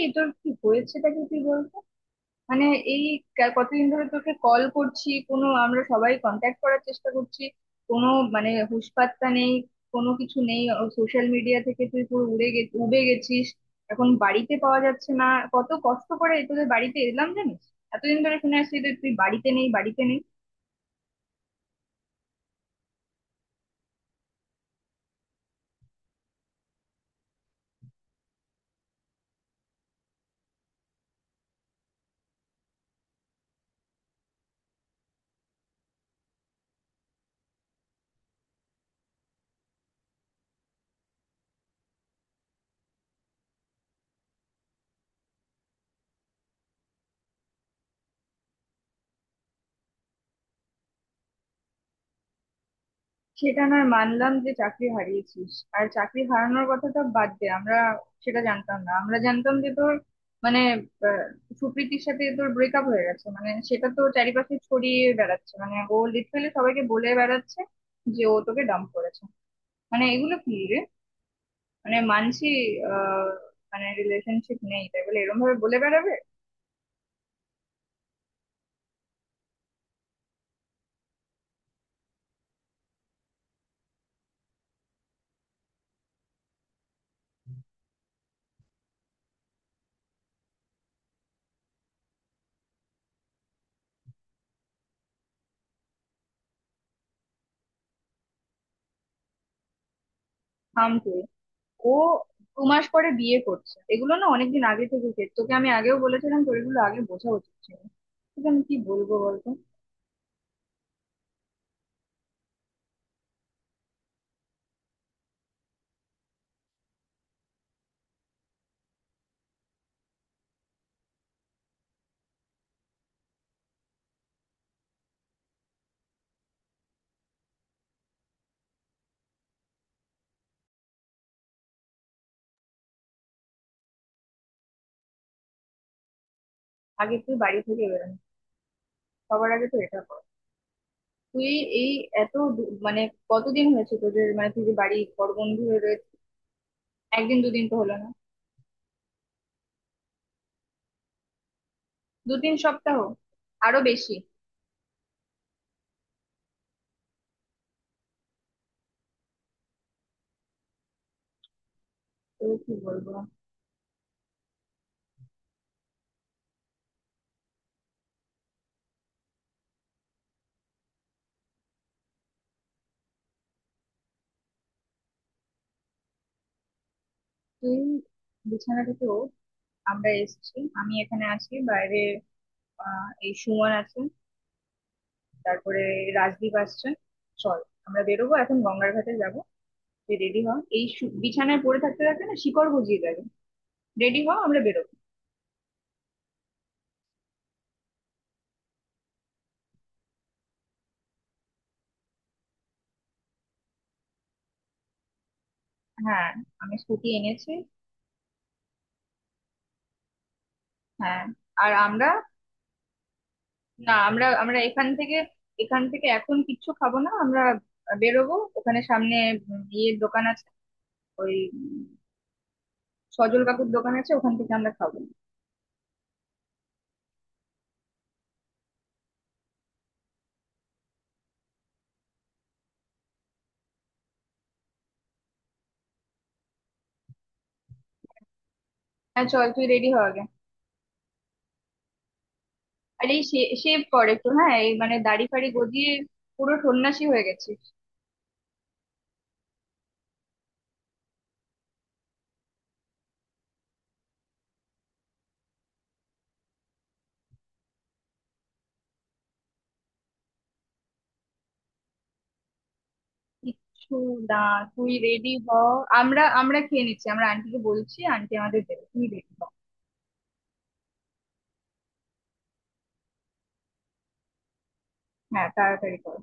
এই, তোর কি হয়েছেটা কি? তুই বলতো। মানে, এই কতদিন ধরে তোকে কল করছি, কোনো, আমরা সবাই কন্ট্যাক্ট করার চেষ্টা করছি, কোনো মানে হুঁশ পাত্তা নেই, কোনো কিছু নেই। সোশ্যাল মিডিয়া থেকে তুই পুরো উড়ে গে উবে গেছিস, এখন বাড়িতে পাওয়া যাচ্ছে না। কত কষ্ট করে তোদের বাড়িতে এলাম জানিস। এতদিন ধরে শুনে আসছি যে তুই বাড়িতে নেই, বাড়িতে নেই। সেটা নয়, মানলাম যে চাকরি হারিয়েছিস। আর চাকরি হারানোর কথাটা বাদ দে, আমরা সেটা জানতাম না। আমরা জানতাম যে তোর মানে আহ, সুপ্রীতির সাথে তোর ব্রেকআপ হয়ে গেছে, মানে সেটা তো চারিপাশে ছড়িয়ে বেড়াচ্ছে, মানে ও লিটারালি সবাইকে বলে বেড়াচ্ছে যে ও তোকে ডাম্প করেছে। মানে এগুলো কি রে! মানে মানছি আহ মানে রিলেশনশিপ নেই, তাই বলে এরকম ভাবে বলে বেড়াবে! থাম তুই। ও দু মাস পরে বিয়ে করছে, এগুলো না অনেকদিন আগে থেকে হচ্ছে। তোকে আমি আগেও বলেছিলাম, তোর এগুলো আগে বোঝা উচিত ছিল। তোকে আমি কি বলবো বলতো। আগে তুই বাড়ি থেকে বেরোনো, সবার আগে তো এটা কর তুই। এই, মানে কতদিন হয়েছে তোদের, মানে তুই যে বাড়ি পর বন্ধু হয়ে একদিন দুদিন তো হলো না। দু তিন সপ্তাহ, আরো বেশি। তোকে কি বলবো! তুই বিছানা থেকে ওঠ, আমরা এসেছি, আমি এখানে আছি বাইরে। আহ, এই সুমন আছে, তারপরে রাজদীপ আসছে। চল, আমরা বেরোবো এখন, গঙ্গার ঘাটে যাবো। তুই রেডি হ। এই বিছানায় পড়ে থাকতে থাকতে না শিকড় গজিয়ে যাবে। রেডি হ, আমরা বেরোবো। হ্যাঁ। আমি স্কুটি এনেছি। হ্যাঁ। আর আমরা, না আমরা, এখান থেকে, এখন কিচ্ছু খাবো না আমরা। বেরোবো, ওখানে সামনে ইয়ের দোকান আছে, ওই সজল কাকুর দোকান আছে, ওখান থেকে আমরা খাবো। হ্যাঁ চল, তুই রেডি হ আগে। আর এই, শেভ কর একটু হ্যাঁ, এই মানে দাড়ি ফাড়ি গজিয়ে পুরো সন্ন্যাসী হয়ে গেছিস। কিচ্ছু না, তুই রেডি হ। আমরা, খেয়ে নিচ্ছি, আমরা আন্টিকে বলছি, আন্টি আমাদের দেবে, তুই রেডি হ। হ্যাঁ, তাড়াতাড়ি কর।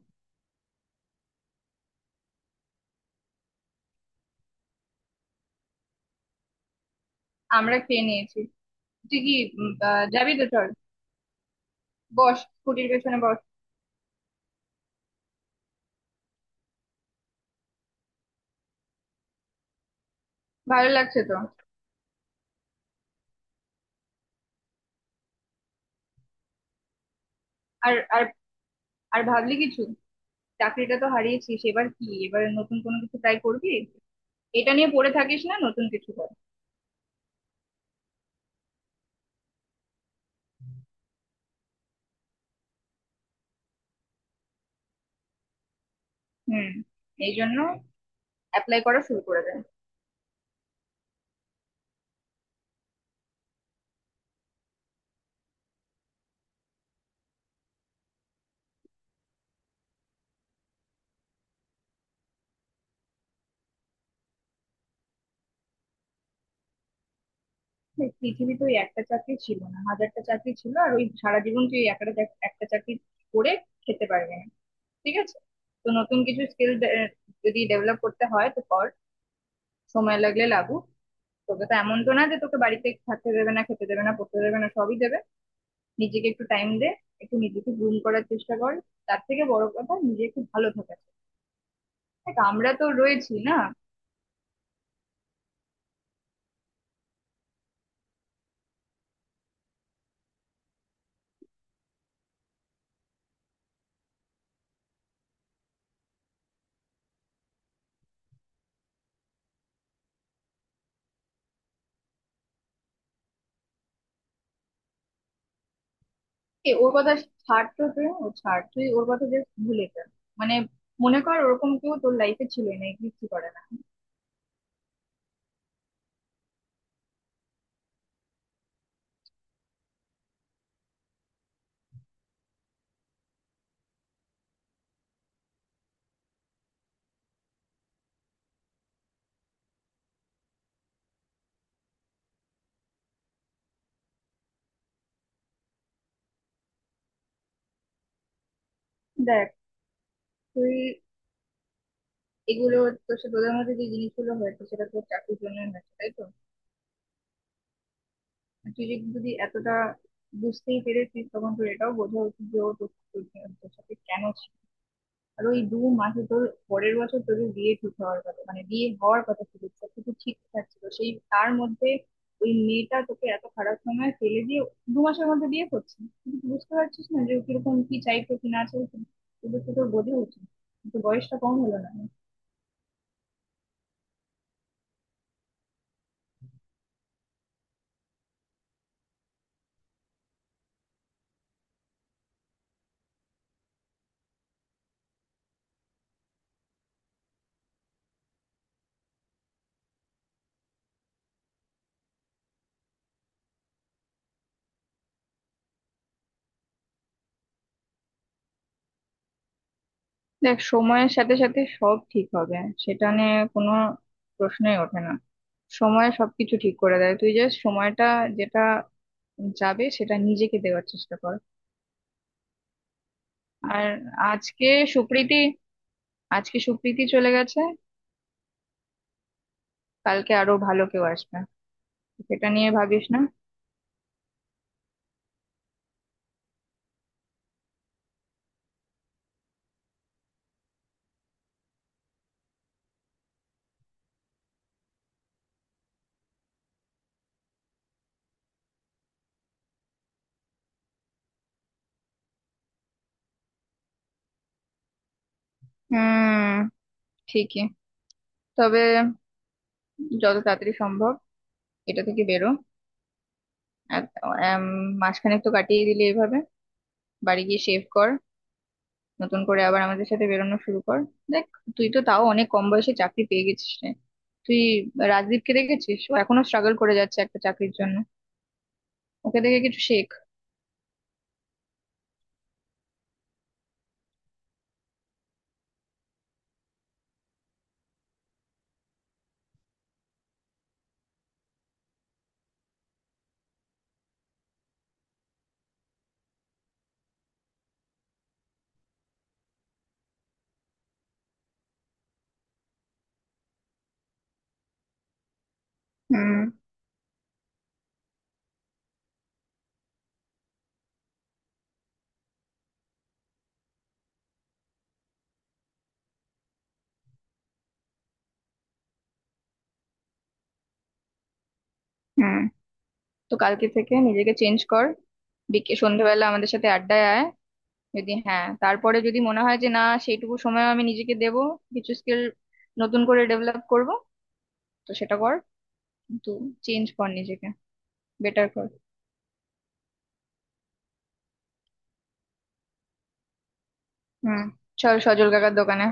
আমরা খেয়ে নিয়েছি। তুই কি যাবি তো চল। বস, স্কুটির পেছনে বস। ভালো লাগছে তো। আর আর আর ভাবলি কিছু? চাকরিটা তো হারিয়েছিস, এবার কি, এবার নতুন কোনো কিছু ট্রাই করবি? এটা নিয়ে পড়ে থাকিস না, নতুন কিছু কর। হুম। এই জন্য অ্যাপ্লাই করা শুরু করে দেয়। পৃথিবী তো ওই একটা চাকরি ছিল না, হাজারটা চাকরি ছিল। আর ওই সারা জীবন তুই ওই একটা একটা চাকরি করে খেতে পারবি না, ঠিক আছে? তো নতুন কিছু স্কিল যদি ডেভেলপ করতে হয় তো কর, সময় লাগলে লাগুক। তোকে তো এমন তো না যে তোকে বাড়িতে থাকতে দেবে না, খেতে দেবে না, পড়তে দেবে না, সবই দেবে। নিজেকে একটু টাইম দে, একটু নিজেকে গ্রুম করার চেষ্টা কর। তার থেকে বড় কথা, নিজে একটু ভালো থাকা। দেখ আমরা তো রয়েছি না। এ ওর কথা ছাড় তো তুই, ও ছাড় তুই, ওর কথা জাস্ট ভুলে যা। মানে মনে কর ওরকম কেউ তোর লাইফে ছিল না, এক্সিস্টই করে না। দেখ, তুই এগুলো, তোর সাথে তোদের মধ্যে যে জিনিসগুলো হয়েছে সেটা তোর চাকরির জন্য হয়েছে, তাই তো? আর তুই যদি যদি এতটা বুঝতেই পেরেছিস, তখন তোর এটাও বোঝা উচিত যে ও তোর, তোর সাথে কেন ছিল। আর ওই দু মাসে তোর পরের বছর তোদের বিয়ে ঠিক হওয়ার কথা, মানে বিয়ে হওয়ার কথা ছিল, সবকিছু ঠিকঠাক ছিল, সেই তার মধ্যে ওই মেয়েটা তোকে এত খারাপ সময় ফেলে দিয়ে দু মাসের মধ্যে বিয়ে করছে। তুই কি বুঝতে পারছিস না যে ও কিরকম, কি চাইতো কি না চাইতো। তোদের তো তোর বোঝা উচিত, কিন্তু বয়সটা কম হলো না। দেখ, সময়ের সাথে সাথে সব ঠিক হবে, সেটা নিয়ে কোনো প্রশ্নই ওঠে না। সময় সবকিছু ঠিক করে দেয়, তুই জাস্ট সময়টা যেটা যাবে সেটা নিজেকে দেওয়ার চেষ্টা কর। আর আজকে সুপ্রীতি আজকে সুপ্রীতি চলে গেছে, কালকে আরো ভালো কেউ আসবে, সেটা নিয়ে ভাবিস না। হুম, ঠিকই। তবে যত তাড়াতাড়ি সম্ভব এটা থেকে বেরো। এক- এম, মাসখানেক তো কাটিয়ে দিলি এভাবে। বাড়ি গিয়ে শেভ কর, নতুন করে আবার আমাদের সাথে বেরোনো শুরু কর। দেখ, তুই তো তাও অনেক কম বয়সে চাকরি পেয়ে গেছিস রে তুই। রাজদীপকে দেখেছিস, ও এখনো স্ট্রাগল করে যাচ্ছে একটা চাকরির জন্য। ওকে দেখে কিছু শেখ। হুম হুম। তো কালকে থেকে নিজেকে চেঞ্জ কর, বিকে সন্ধ্যেবেলা আমাদের সাথে আড্ডায় আয়। যদি, হ্যাঁ তারপরে যদি মনে হয় যে না সেইটুকু সময় আমি নিজেকে দেব, কিছু স্কিল নতুন করে ডেভেলপ করব, তো সেটা কর। কিন্তু চেঞ্জ কর নিজেকে, বেটার কর। হুম, চল সজল কাকার দোকানে।